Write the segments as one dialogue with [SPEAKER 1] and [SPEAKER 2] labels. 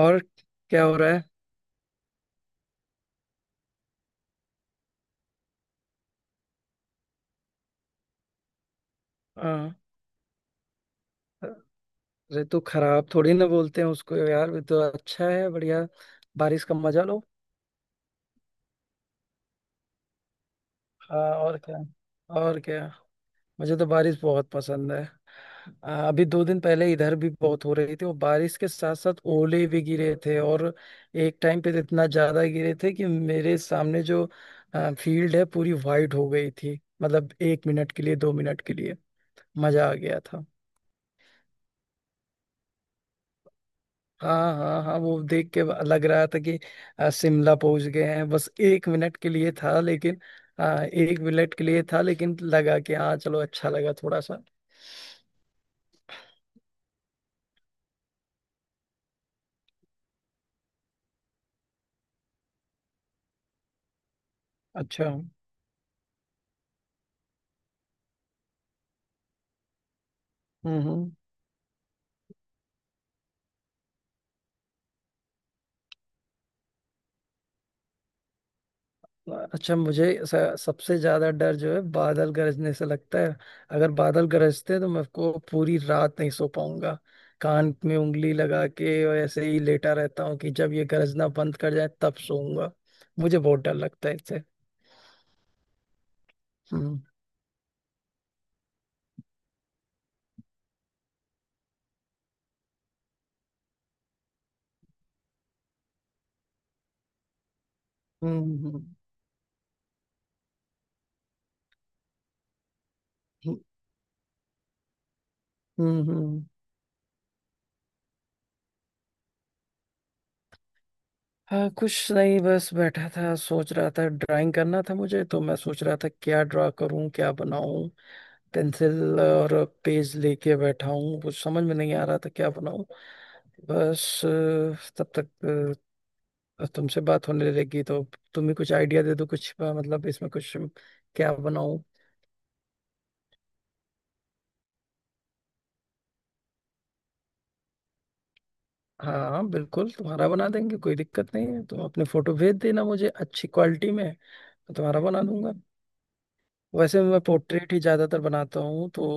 [SPEAKER 1] और क्या हो रहा है? हाँ। अरे, तो खराब थोड़ी ना बोलते हैं उसको यार, ये तो अच्छा है, बढ़िया। बारिश का मजा लो। हाँ, और क्या। और क्या। मुझे तो बारिश बहुत पसंद है। अभी 2 दिन पहले इधर भी बहुत हो रही थी, और बारिश के साथ साथ ओले भी गिरे थे। और एक टाइम पे तो इतना ज्यादा गिरे थे कि मेरे सामने जो फील्ड है पूरी वाइट हो गई थी, मतलब 1 मिनट के लिए, 2 मिनट के लिए। मजा आ गया था। हाँ, हाँ, हाँ, वो देख के लग रहा था कि शिमला पहुंच गए हैं। बस 1 मिनट के लिए था लेकिन। 1 मिनट के लिए था लेकिन लगा कि हाँ चलो, अच्छा लगा थोड़ा सा। अच्छा। हम्म हम्म। अच्छा, मुझे सबसे ज्यादा डर जो है बादल गरजने से लगता है। अगर बादल गरजते हैं तो मैं को पूरी रात नहीं सो पाऊंगा। कान में उंगली लगा के और ऐसे ही लेटा रहता हूँ कि जब ये गरजना बंद कर जाए तब सोऊंगा। मुझे बहुत डर लगता है इससे। हम्म हम्म हम्म। हम्म। हम्म हम्म। हाँ, कुछ नहीं, बस बैठा था सोच रहा था ड्राइंग करना था मुझे, तो मैं सोच रहा था क्या ड्रा करूं, क्या बनाऊं। पेंसिल और पेज लेके बैठा हूं, कुछ समझ में नहीं आ रहा था क्या बनाऊं। बस तब तक तुमसे बात होने लगी, तो तुम भी कुछ आइडिया दे दो। कुछ मतलब इसमें कुछ क्या बनाऊं? हाँ, हाँ, बिल्कुल, तुम्हारा बना देंगे, कोई दिक्कत नहीं है। तुम अपने फोटो भेज देना मुझे अच्छी क्वालिटी में, मैं तुम्हारा बना दूंगा। वैसे मैं पोर्ट्रेट ही ज्यादातर बनाता हूँ, तो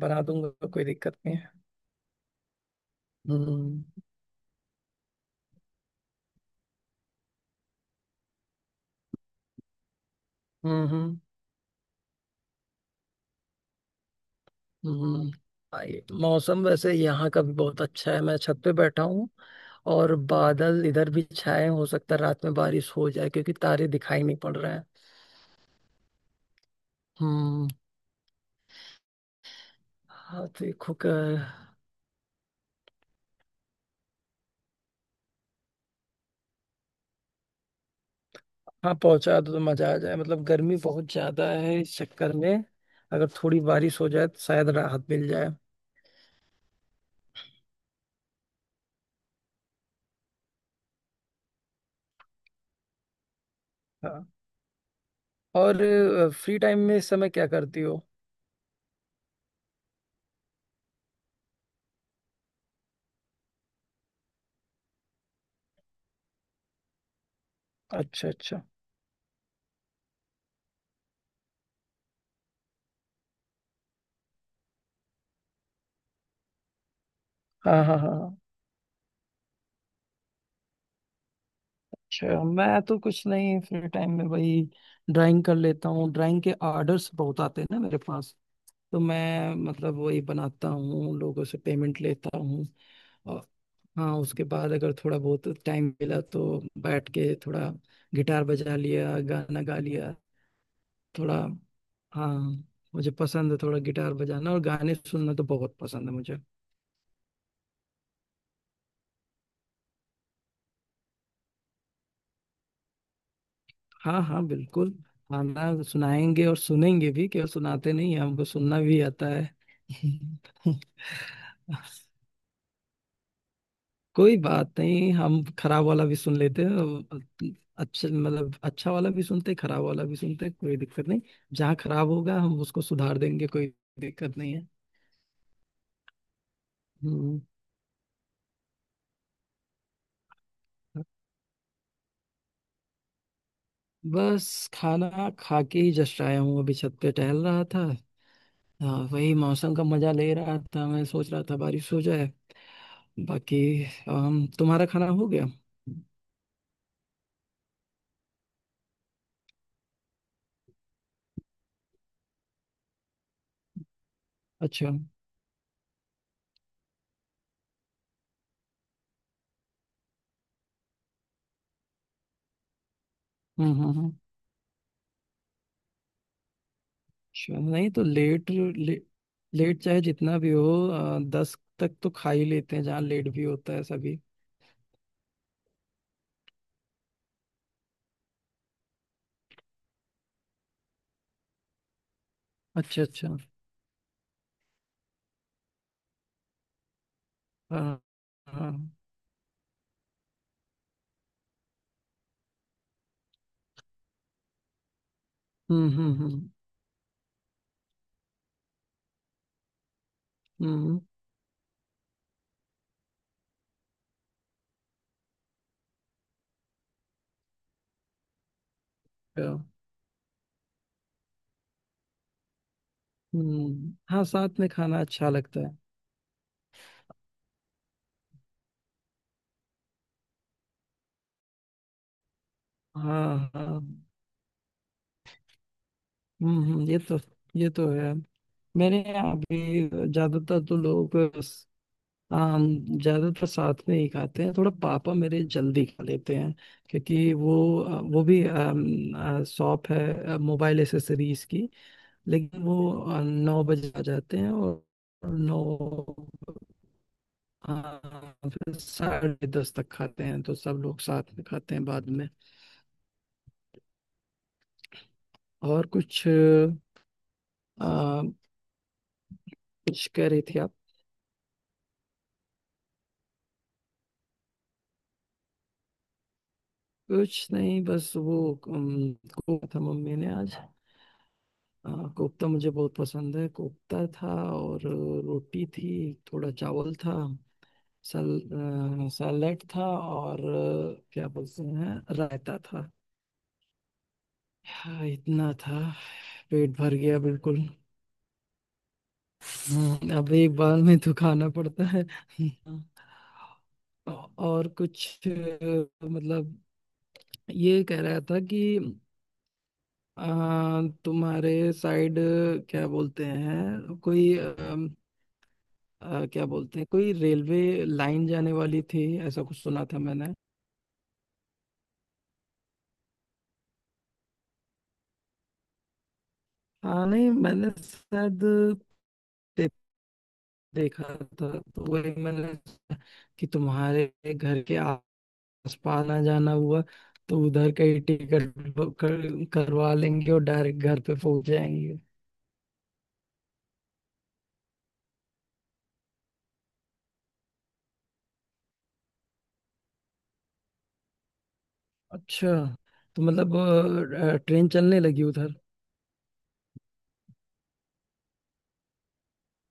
[SPEAKER 1] बना दूंगा, कोई दिक्कत नहीं है। हम्म हम्म हम्म हम्म। मौसम वैसे यहाँ का भी बहुत अच्छा है, मैं छत पे बैठा हूँ। और बादल इधर भी छाए हैं। हो सकता है रात में बारिश हो जाए क्योंकि तारे दिखाई नहीं पड़ रहे हैं। हम्म। हाँ, देखो। हाँ, पहुंचा दो तो मजा आ जाए, मतलब गर्मी बहुत ज्यादा है इस चक्कर में। अगर थोड़ी बारिश हो जाए तो शायद राहत मिल जाए। हाँ। और फ्री टाइम में इस समय क्या करती हो? अच्छा अच्छा। हाँ हाँ हाँ। अच्छा, मैं तो कुछ नहीं, फ्री टाइम में वही ड्राइंग कर लेता हूँ। ड्राइंग के आर्डर्स बहुत आते हैं ना मेरे पास, तो मैं मतलब वही बनाता हूँ, लोगों से पेमेंट लेता हूँ। और हाँ, उसके बाद अगर थोड़ा बहुत टाइम मिला तो बैठ के थोड़ा गिटार बजा लिया, गाना गा लिया थोड़ा। हाँ, मुझे पसंद है थोड़ा गिटार बजाना, और गाने सुनना तो बहुत पसंद है मुझे। हाँ, हाँ, बिल्कुल। खाना सुनाएंगे और सुनेंगे भी, क्यों सुनाते नहीं हैं, हमको सुनना भी आता है। कोई बात नहीं, हम खराब वाला भी सुन लेते हैं। और अच्छा, मतलब अच्छा वाला भी सुनते हैं, खराब वाला भी सुनते हैं, कोई दिक्कत नहीं। जहाँ खराब होगा हम उसको सुधार देंगे, कोई दिक्कत नहीं है। हम्म बस खाना खा के ही जस्ट आया हूँ, अभी छत पे टहल रहा था। हाँ, वही मौसम का मजा ले रहा था, मैं सोच रहा था बारिश हो जाए। बाकी तुम्हारा खाना हो गया? अच्छा। हम्म। अच्छा, नहीं तो लेट लेट चाहे जितना भी हो 10 तक तो खा ही लेते हैं, जहाँ लेट भी होता है सभी। अच्छा अच्छा। हाँ हाँ। हम्म हम्म हम्म हम्म। अच्छा। हाँ, साथ में खाना अच्छा लगता है। हाँ हाँ। हम्म हम्म, ये तो ये तो है। मेरे यहाँ भी ज्यादातर तो लोग, हाँ हम ज्यादातर साथ में ही खाते हैं। थोड़ा पापा मेरे जल्दी खा लेते हैं, क्योंकि वो वो भी शॉप है मोबाइल एसेसरीज की। लेकिन वो 9 बजे आ जाते हैं। और नौ, हाँ, फिर 10:30 तक खाते हैं तो सब लोग साथ में खाते हैं बाद में। और कुछ कुछ कह रही थी आप? कुछ नहीं, बस वो को था, मम्मी ने आज, हाँ कोफ्ता, मुझे बहुत पसंद है। कोफ्ता था, और रोटी थी, थोड़ा चावल था, सल सैलेड था, और क्या बोलते हैं रायता था। हाँ, इतना था, पेट भर गया बिल्कुल। अब एक बार में तो खाना पड़ता है। हाँ। और कुछ मतलब ये कह रहा था कि अ, तुम्हारे साइड क्या बोलते हैं कोई क्या बोलते हैं कोई रेलवे लाइन जाने वाली थी, ऐसा कुछ सुना था मैंने। हाँ नहीं, मैंने शायद दे- देखा था, तो वही मैंने कि तुम्हारे घर के आसपास ना जाना हुआ तो उधर का ही टिकट बुक करवा लेंगे, और डायरेक्ट घर पे पहुंच जाएंगे। अच्छा, तो मतलब ट्रेन चलने लगी उधर।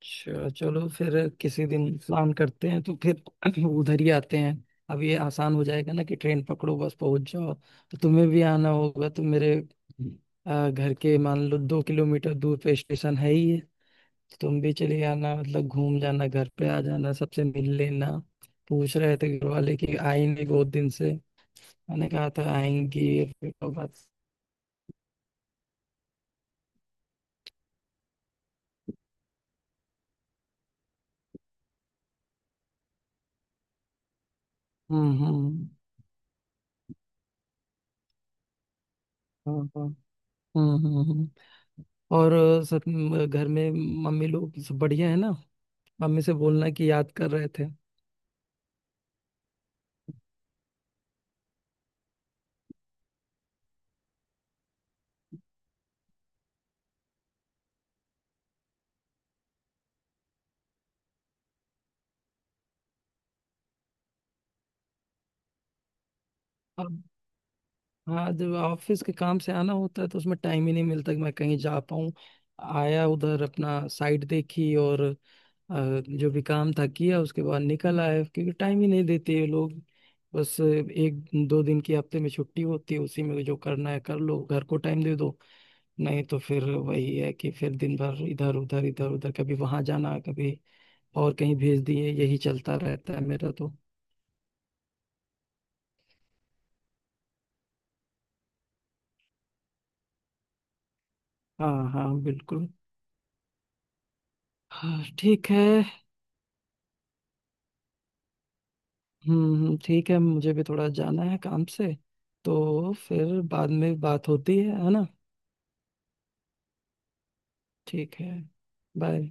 [SPEAKER 1] अच्छा, चलो फिर किसी दिन प्लान करते हैं, तो फिर उधर ही आते हैं। अब ये आसान हो जाएगा ना कि ट्रेन पकड़ो, बस पहुंच जाओ। तो तुम्हें भी आना होगा, तो मेरे घर के मान लो 2 किलोमीटर दूर पे स्टेशन है ही है। तो तुम भी चले आना, मतलब घूम जाना, घर पे आ जाना, सबसे मिल लेना। पूछ रहे थे घर वाले कि आएंगे बहुत दिन से, मैंने कहा था आएंगे, फिर तो बस। हम्म। हाँ हाँ। हम्म हम्म हम्म। और सब घर में मम्मी लोग सब बढ़िया है ना? मम्मी से बोलना कि याद कर रहे थे। अब, हाँ जब ऑफिस के काम से आना होता है तो उसमें टाइम ही नहीं मिलता कि मैं कहीं जा पाऊँ। आया उधर, अपना साइट देखी और जो भी काम था किया, उसके बाद निकल आया, क्योंकि टाइम ही नहीं देते ये लोग। बस 1-2 दिन की हफ्ते में छुट्टी होती है, उसी में जो करना है कर लो, घर को टाइम दे दो। नहीं तो फिर वही है कि फिर दिन भर इधर उधर इधर उधर, कभी वहां जाना, कभी और कहीं भेज दिए, यही चलता रहता है मेरा तो। हाँ हाँ बिल्कुल। हाँ, ठीक है। ठीक है, मुझे भी थोड़ा जाना है काम से। तो फिर बाद में बात होती है ना। ठीक है। बाय।